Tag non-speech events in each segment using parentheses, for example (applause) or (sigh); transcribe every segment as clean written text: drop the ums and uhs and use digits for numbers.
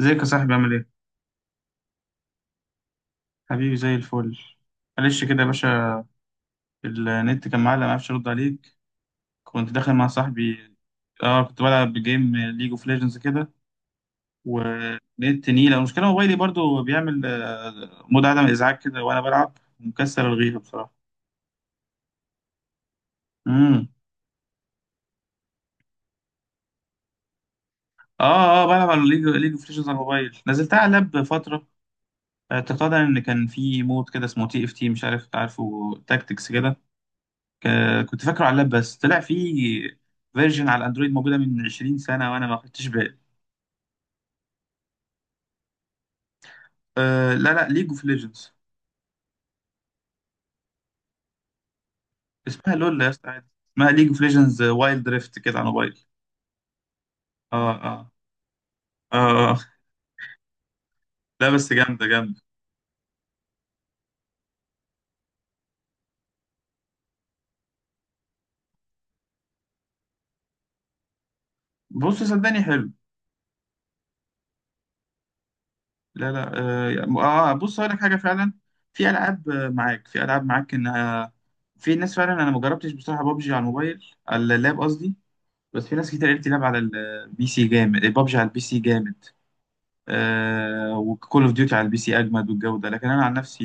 ازيك يا صاحبي عامل ايه؟ حبيبي زي الفل. معلش كده يا باشا، النت كان معلق معرفش ارد عليك، كنت داخل مع صاحبي. اه كنت بلعب جيم ليج اوف ليجندز كده ونت نيلة. المشكلة موبايلي برضو بيعمل مود عدم ازعاج كده وانا بلعب، مكسر الغيبة بصراحة. امم. اه اه بلعب على ليج اوف ليجندز على الموبايل، نزلتها على اللاب فترة. اعتقادا ان كان في مود كده اسمه تي اف تي، مش عارف، عارفه؟ تاكتكس كده. كنت فاكره على اللاب، بس طلع في فيرجن على الاندرويد موجوده من 20 سنه وانا ما خدتش بالي. أه لا لا، ليج اوف ليجندز. اسمها لول يا اسطى، عادي. اسمها ليج اوف ليجندز وايلد ريفت كده، على موبايل. اه اه اه آه. لا بس جامده جامده. بص صدقني حلو. لا لا. اه بص هقول لك حاجه فعلا، في العاب معاك، في العاب معاك انها، في ناس فعلا انا ما جربتش بصراحه بابجي على الموبايل، على اللاب قصدي. بس في ناس كتير قالت لي، لعب على البي سي جامد، بابجي على البي سي جامد وكول اوف ديوتي على البي سي اجمد والجوده، لكن انا عن نفسي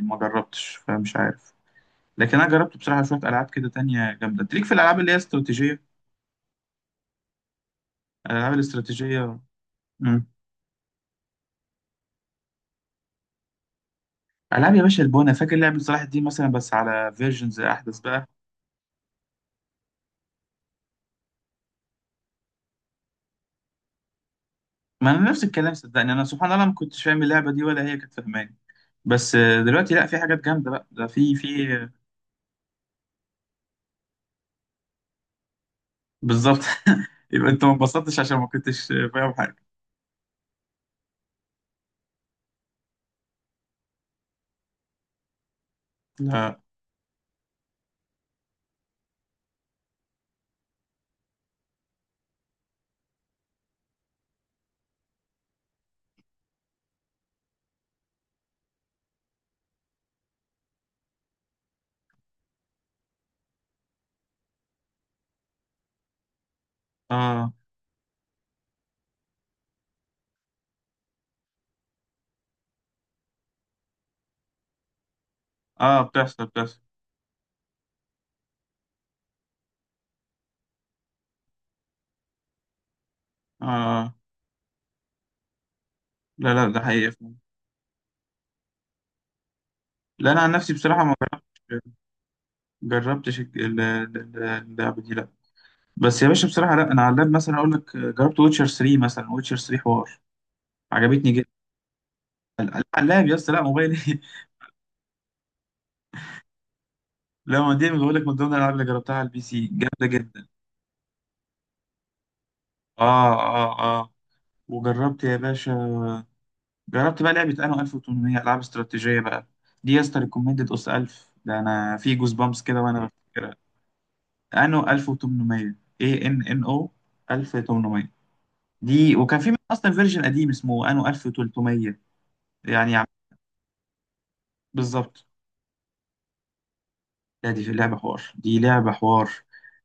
ما جربتش فمش عارف. لكن انا جربت بصراحه شويه العاب كده تانية جامده، تليك في الالعاب اللي هي استراتيجيه، الالعاب الاستراتيجيه. امم. العاب يا باشا البونه، فاكر لعبه صلاح الدين مثلا، بس على فيرجنز احدث بقى. ما انا نفس الكلام صدقني، انا سبحان الله ما كنتش فاهم اللعبه دي ولا هي كانت فاهماني. بس دلوقتي لا، في حاجات جامده بقى، ده في في آه، بالظبط. (laughs) يبقى انت ما انبسطتش عشان ما كنتش فاهم حاجه. لا. اه اه، بتحصل بتحصل. اه لا لا، ده حقيقي فعلا. لا انا عن نفسي بصراحه ما جربتش اللعبه دي، لا. بس يا باشا بصراحه لا، انا على اللاب مثلا اقول لك، جربت ويتشر 3 مثلا، ويتشر 3 حوار، عجبتني جدا. على اللاب يا اسطى، لا موبايل ايه. (laughs) لا ما دي بقول لك من ضمن الالعاب اللي جربتها على البي سي، جامده جدا. اه اه اه، وجربت يا باشا، جربت بقى لعبه انا 1800، العاب استراتيجيه بقى. دي يا اسطى ريكومندد، اس 1000 ده انا في جوز بامس كده وانا بفتكرها. انو 1800، اي ان ان او، 1800 دي. وكان في منها اصلا فيرجن قديم اسمه انو 1300، يعني بالظبط. لا دي في اللعبه حوار، دي لعبه حوار،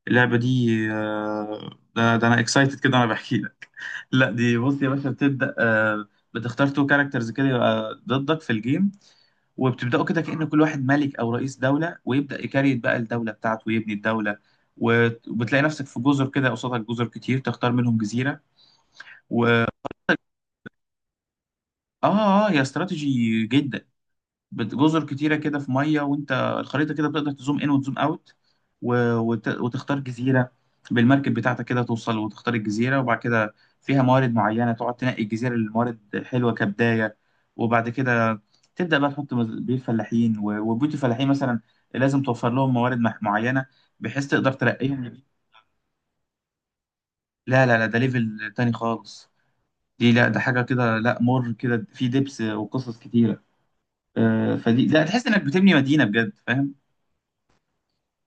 اللعبه دي ده انا اكسايتد كده وانا بحكي لك. لا دي بص يا باشا، بتبدا بتختار تو كاركترز كده يبقى ضدك في الجيم، وبتبداوا كده كأن كل واحد ملك او رئيس دوله، ويبدا يكريت بقى الدوله بتاعته ويبني الدوله. وبتلاقي نفسك في جزر كده، قصادك جزر كتير تختار منهم جزيره و... اه اه، يا استراتيجي جدا. جزر كتيرة كده، في مية، وانت الخريطة كده بتقدر تزوم ان وتزوم اوت وتختار جزيرة، بالمركب بتاعتك كده توصل وتختار الجزيرة. وبعد كده فيها موارد معينة، تقعد تنقي الجزيرة اللي الموارد حلوة، كبداية. وبعد كده تبدأ بقى تحط بيوت فلاحين، وبيوت الفلاحين مثلا لازم توفر لهم موارد معينة، بحيث تقدر ترقيهم. لا لا لا، ده ليفل تاني خالص. دي لا، ده حاجة كده، لا مر كده، في دبس وقصص كتيرة فدي لا، تحس انك بتبني مدينة بجد، فاهم؟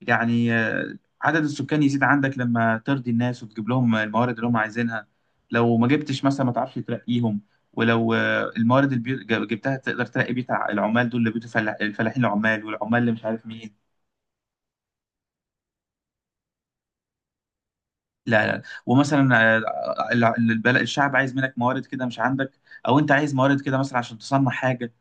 يعني عدد السكان يزيد عندك لما ترضي الناس وتجيب لهم الموارد اللي هم عايزينها. لو ما جبتش مثلا ما تعرفش ترقيهم. ولو الموارد اللي جبتها تقدر ترقي بيه العمال دول، اللي بيوتوا الفلاحين، العمال، والعمال اللي مش عارف مين. لا لا، ومثلا البلد، الشعب عايز منك موارد كده مش عندك، او انت عايز موارد كده مثلا عشان تصنع حاجه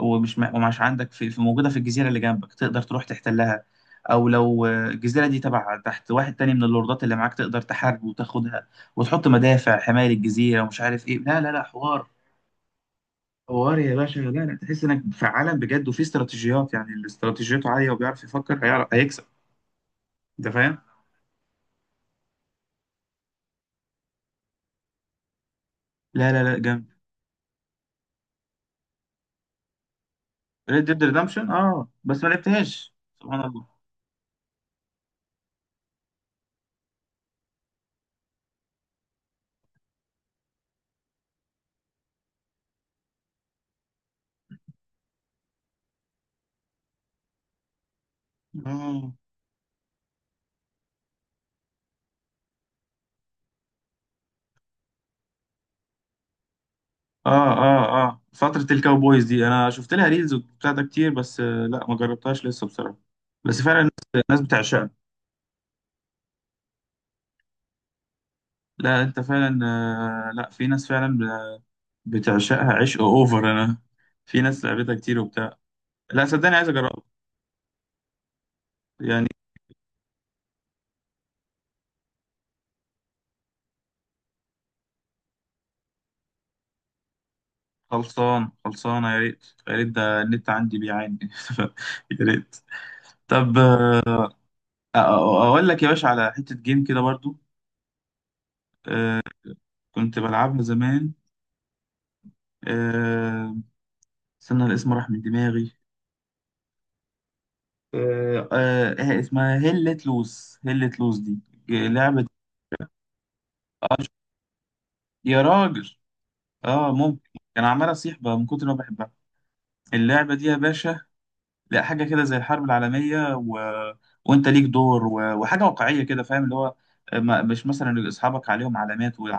ومش عندك موجودة في الجزيرة اللي جنبك، تقدر تروح تحتلها. أو لو الجزيرة دي تبع تحت واحد تاني من اللوردات اللي معاك، تقدر تحارب وتاخدها وتحط مدافع حماية للجزيرة، ومش عارف إيه، لا لا لا حوار، حوار يا باشا، لا لا، تحس إنك في عالم بجد، وفي استراتيجيات، يعني اللي استراتيجيته عالية وبيعرف يفكر هيعرف هيكسب. أنت فاهم؟ لا لا لا جامد. ريد ديد ريدمشن، اه بس ما لعبتهاش. سبحان الله. اه اه اه اه، فترة الكاوبويز دي انا شفت لها ريلز وبتاع ده كتير، بس لا ما جربتهاش لسه بصراحة، بس فعلا الناس، الناس بتعشقها. لا انت فعلا لا في ناس فعلا بتعشقها عشق اوفر، انا في ناس لعبتها كتير وبتاع. لا صدقني عايز اجربها يعني. خلصان، خلصانة، يا ريت يا ريت، ده النت عندي بيعاني. (laughs) يا ريت. طب اقول لك يا باشا على حتة جيم كده برضو، كنت بلعبها زمان، آه، استنى الاسم راح من دماغي، إيه اسمها؟ هلت لوز، هلت لوز دي لعبة آه، يا راجل، اه ممكن. كان عمال اصيح بقى من كتر ما بحبها اللعبة دي يا باشا. لا حاجة كده زي الحرب العالمية و... وانت ليك دور و... وحاجة واقعية كده فاهم، اللي هو ما... مش مثلا اصحابك عليهم علامات و...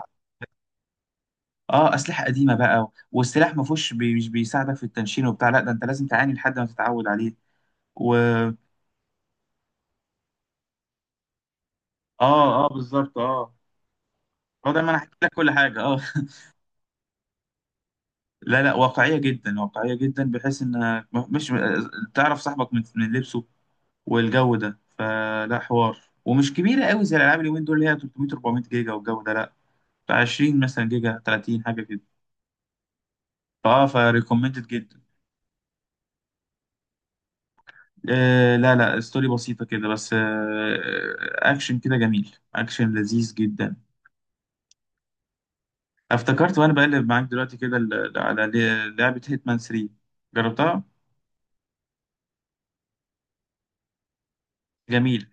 اه اسلحة قديمة بقى، والسلاح ما فيهوش مش بيساعدك في التنشين وبتاع، لا ده انت لازم تعاني لحد ما تتعود عليه و... اه اه بالظبط اه. هو ده، ما انا حكيت لك كل حاجة، اه. لا لا واقعية جدا، واقعية جدا، بحيث انها مش تعرف صاحبك من لبسه والجو ده، فلا حوار، ومش كبيرة قوي زي الالعاب اليومين دول اللي هي 300 400 جيجا، والجو ده لا، بتاع 20 مثلا جيجا، 30 حاجة كده، فاه فريكومندد جدا. آه لا لا، ستوري بسيطة كده بس، آه اكشن كده جميل، اكشن لذيذ جدا. افتكرت وانا بقلب معاك دلوقتي كده على لعبة هيتمان 3، جربتها. جميل.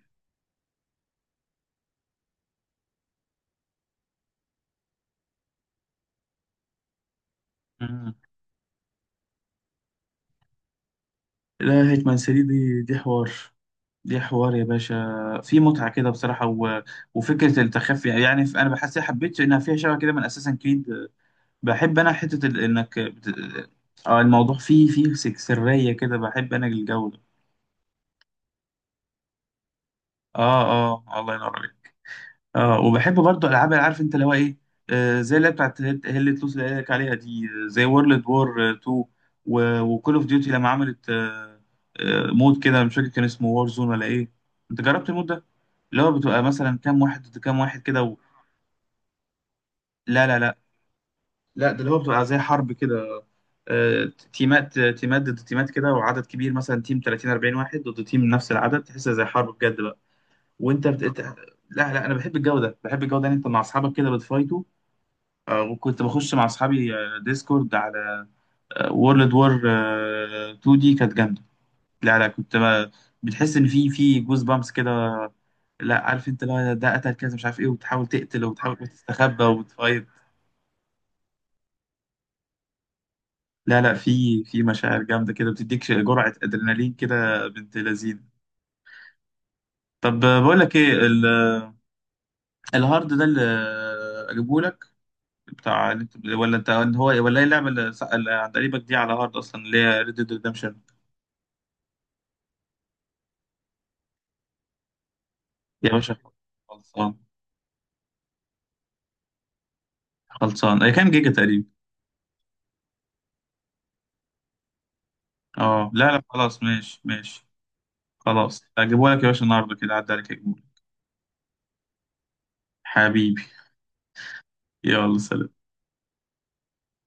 مم. لا هيتمان 3 دي، دي حوار، دي حوار يا باشا، في متعة كده بصراحة و... وفكرة التخفي يعني، أنا بحس، حبيت إنها فيها شبه كده من أساسا كريد، بحب أنا حتة ال... إنك بت... آه الموضوع فيه فيه سرية كده، بحب أنا الجو ده. آه. آه الله ينور عليك. اه وبحب برضه العاب، اللي عارف انت اللي هو ايه، آه زي اللي بتاعت هيل تلوس اللي قالك عليها دي، زي وورلد وور 2 وكول اوف ديوتي، لما عملت مود كده، مش فاكر كان اسمه وور زون ولا ايه، انت جربت المود ده؟ اللي هو بتبقى مثلا كام واحد ضد كام واحد كده و... لا لا لا. لا ده اللي هو بتبقى زي حرب كده، آه تيمات ضد تيمات كده، وعدد كبير مثلا، تيم 30 40 واحد ضد تيم نفس العدد، تحسها زي حرب بجد بقى، وانت بت... لا لا انا بحب الجو ده، بحب الجو ده، ان انت مع اصحابك كده بتفايتوا وكنت بخش مع اصحابي ديسكورد على وورلد وور 2 دي، كانت جامده. لا لا كنت بتحس ان في جوز بامس كده، لا عارف انت، لا ده قتل كذا مش عارف ايه، وتحاول تقتل وتحاول وتستخبى وتفايض. لا لا في مشاعر جامده كده، بتديك جرعه ادرينالين كده بنت لذين. طب بقول لك ايه الهارد ده اللي اجيبه لك، بتاع، ولا انت، هو، ولا ايه اللعبه اللي عند قريبك دي على هارد اصلا، اللي هي ريد ديد ريدمشن. يا باشا خلصان، خلصان، اي كام جيجا تقريبا؟ اه لا لا خلاص، ماشي ماشي. خلاص هجيبه لك يا باشا النهارده كده، عدى عليك هجيبه. حبيبي يلا سلام.